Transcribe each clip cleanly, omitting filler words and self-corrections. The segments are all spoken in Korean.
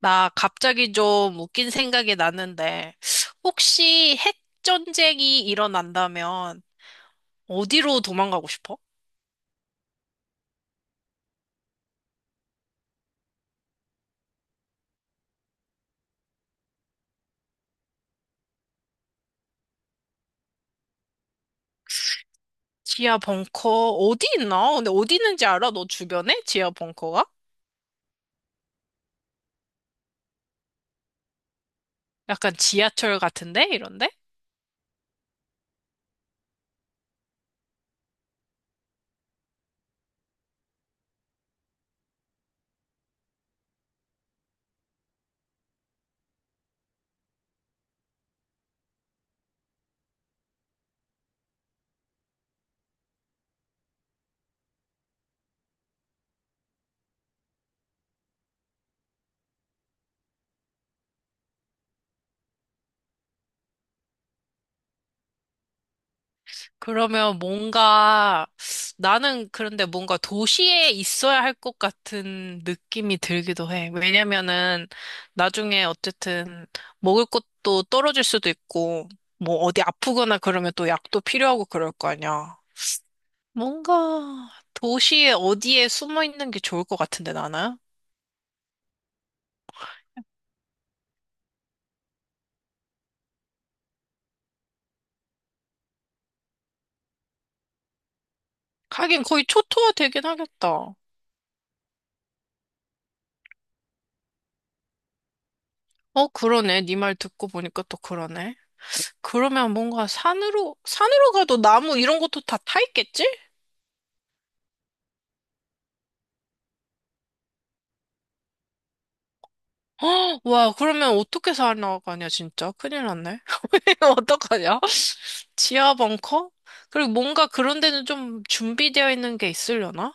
나 갑자기 좀 웃긴 생각이 났는데, 혹시 핵 전쟁이 일어난다면 어디로 도망가고 싶어? 지하 벙커 어디 있나? 근데 어디 있는지 알아? 너 주변에? 지하 벙커가? 약간 지하철 같은데? 이런데? 그러면 뭔가, 나는 그런데 뭔가 도시에 있어야 할 것 같은 느낌이 들기도 해. 왜냐면은 나중에 어쨌든 먹을 것도 떨어질 수도 있고, 뭐 어디 아프거나 그러면 또 약도 필요하고 그럴 거 아니야. 뭔가 도시에 어디에 숨어 있는 게 좋을 것 같은데 나는? 하긴 거의 초토화 되긴 하겠다. 어, 그러네. 네 말 듣고 보니까 또 그러네. 그러면 뭔가 산으로, 산으로 가도 나무 이런 것도 다 타 있겠지? 헉, 와, 그러면 어떻게 살아나가냐, 진짜. 큰일 났네. 어떡하냐? 지하 벙커? 그리고 뭔가 그런 데는 좀 준비되어 있는 게 있으려나?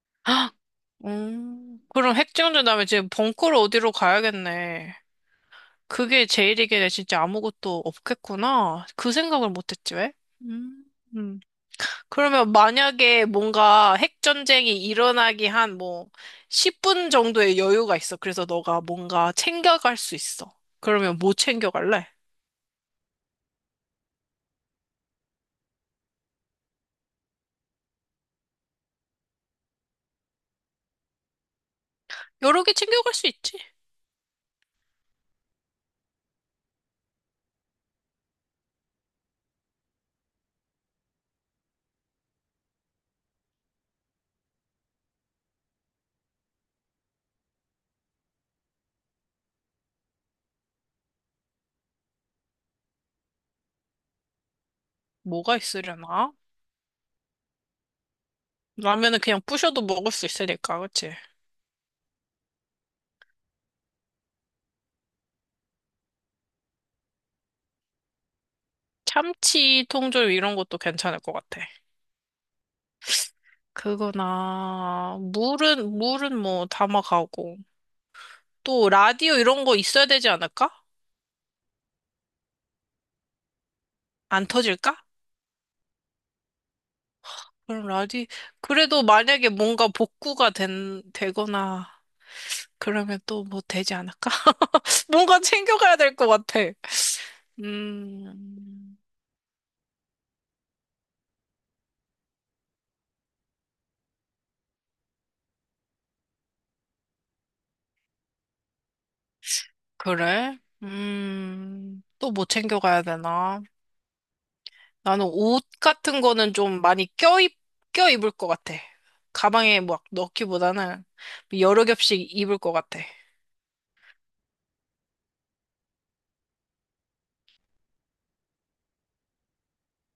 아, 그럼 핵정전 다음에 지금 벙커를 어디로 가야겠네. 그게 제일이겠네. 진짜 아무것도 없겠구나. 그 생각을 못했지, 왜? 음, 음. 그러면 만약에 뭔가 핵전쟁이 일어나기 한 뭐 10분 정도의 여유가 있어. 그래서 너가 뭔가 챙겨갈 수 있어. 그러면 뭐 챙겨갈래? 여러 개 챙겨갈 수 있지. 뭐가 있으려나? 라면은 그냥 부셔도 먹을 수 있으니까, 그치? 참치, 통조림 이런 것도 괜찮을 것 같아. 그거나, 물은, 물은 뭐 담아가고. 또 라디오 이런 거 있어야 되지 않을까? 안 터질까? 그럼 라디, 그래도 만약에 뭔가 복구가 된, 되거나, 그러면 또 뭐 되지 않을까? 뭔가 챙겨가야 될 것 같아. 음, 그래? 또 뭐 챙겨가야 되나? 나는 옷 같은 거는 좀 많이 껴입을 것 같아. 가방에 막 넣기보다는 여러 겹씩 입을 것 같아.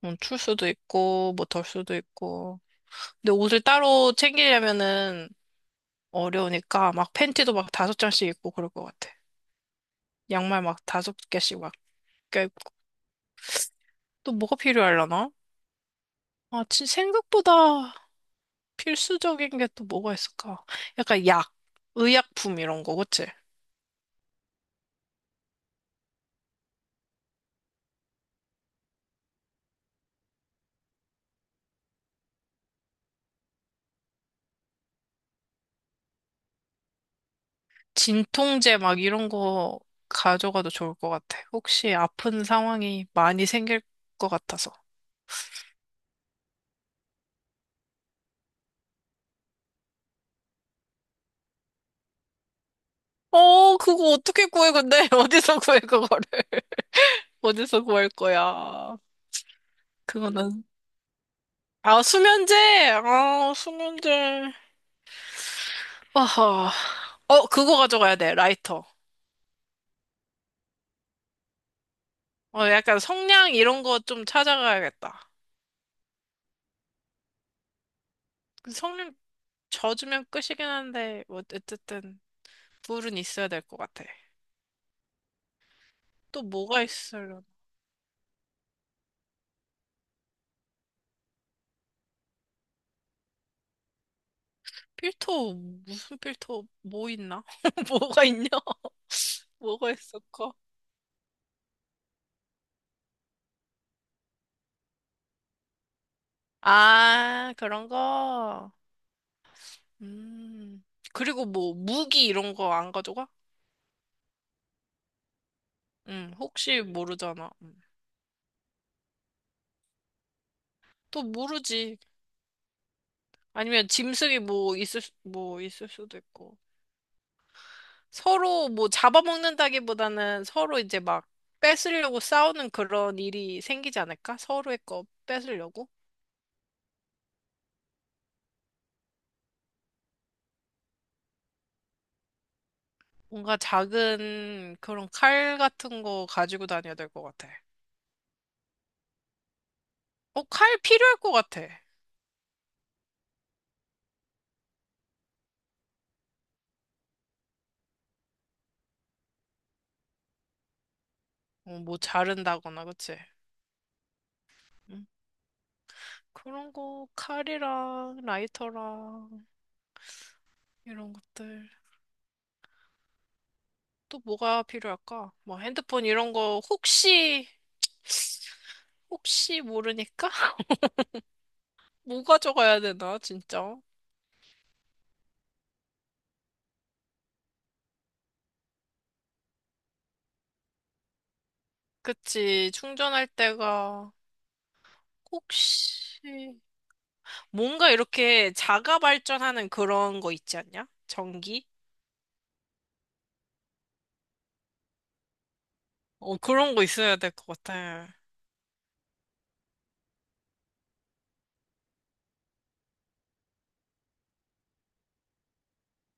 출 수도 있고, 뭐 덜 수도 있고. 근데 옷을 따로 챙기려면은 어려우니까 막 팬티도 막 다섯 장씩 입고 그럴 것 같아. 양말 막 다섯 개씩 막 껴입고. 또 뭐가 필요하려나? 아, 진 생각보다 필수적인 게 또 뭐가 있을까? 약간 약, 의약품 이런 거, 그치? 진통제 막 이런 거 가져가도 좋을 것 같아. 혹시 아픈 상황이 많이 생길 것 같아서. 어, 그거 어떻게 구해, 근데? 어디서 구해, 그거를? 어디서 구할 거야? 그거는. 아, 수면제! 아, 수면제. 어허. 어, 그거 가져가야 돼, 라이터. 어, 약간 성냥 이런 거 좀 찾아가야겠다. 그 성냥 젖으면 끝이긴 한데, 뭐, 어쨌든, 불은 있어야 될 것 같아. 또 뭐가 있으려나? 필터, 무슨 필터, 뭐 있나? 뭐가 있냐? 뭐가 있을까? 아, 그런 거. 음. 그리고 뭐, 무기 이런 거 안 가져가? 혹시 모르잖아. 음. 또 모르지. 아니면 짐승이 뭐 뭐 있을 수도 있고 서로 뭐 잡아먹는다기보다는 서로 이제 막 뺏으려고 싸우는 그런 일이 생기지 않을까? 서로의 거 뺏으려고? 뭔가 작은 그런 칼 같은 거 가지고 다녀야 될 것 같아. 어, 칼 필요할 것 같아. 어, 뭐 자른다거나, 그치? 응. 그런 거 칼이랑 라이터랑 이런 것들. 또 뭐가 필요할까? 뭐 핸드폰 이런 거 혹시 모르니까 뭐 가져가야 되나, 진짜? 그치, 충전할 때가, 혹시, 뭔가 이렇게 자가 발전하는 그런 거 있지 않냐? 전기? 어, 그런 거 있어야 될 것 같아.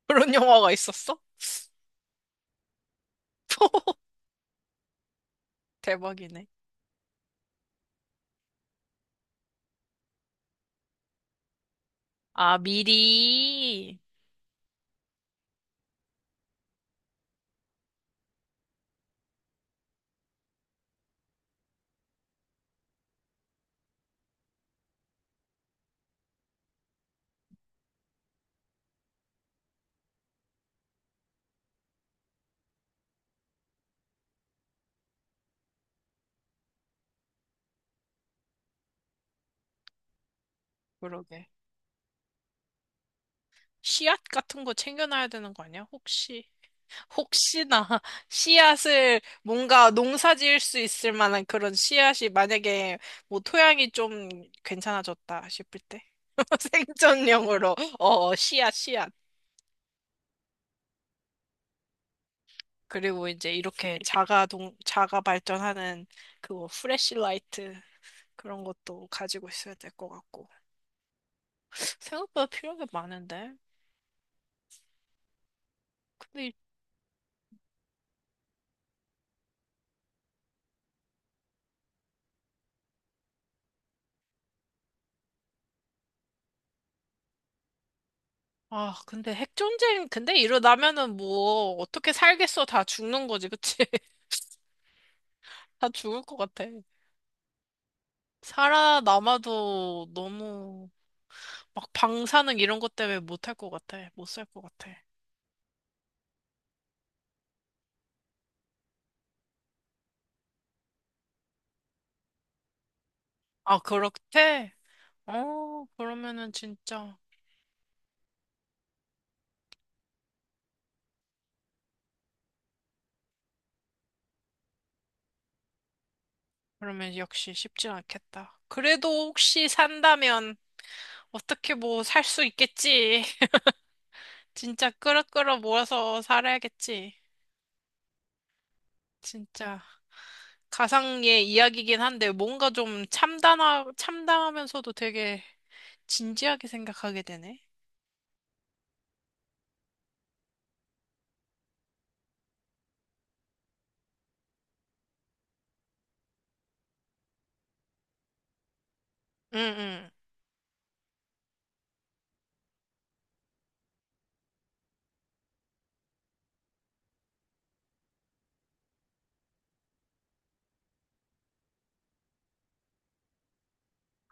그런 영화가 있었어? 대박이네. 아, 미리. 그러게. 씨앗 같은 거 챙겨놔야 되는 거 아니야? 혹시. 혹시나 씨앗을 뭔가 농사 지을 수 있을 만한 그런 씨앗이 만약에 뭐 토양이 좀 괜찮아졌다 싶을 때 생존용으로 씨앗 씨앗 그리고 이제 이렇게 자가 발전하는 그거 프레시라이트 그런 것도 가지고 있어야 될 것 같고 생각보다 필요한 게 많은데 근데 이- 아 근데 핵 전쟁 근데 일어나면은 뭐 어떻게 살겠어, 다 죽는 거지, 그치? 다 죽을 것 같아. 살아남아도 너무 막 방사능 이런 것 때문에 못할 것 같아. 못 살 것 같아. 아, 그렇대? 어, 그러면은 진짜. 그러면 역시 쉽진 않겠다. 그래도 혹시 산다면 어떻게 뭐 살 수 있겠지. 진짜 끌어끌어 모아서 살아야겠지. 진짜 가상의 이야기긴 한데 뭔가 좀 참담하면서도 되게 진지하게 생각하게 되네. 응, 응.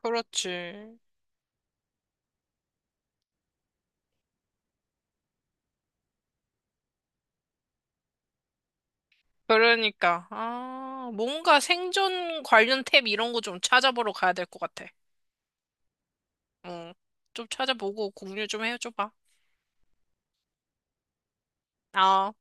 그렇지. 그러니까, 아, 뭔가 생존 관련 탭 이런 거 좀 찾아보러 가야 될 것 같아. 어, 좀 찾아보고 공유 좀 해줘봐. 아.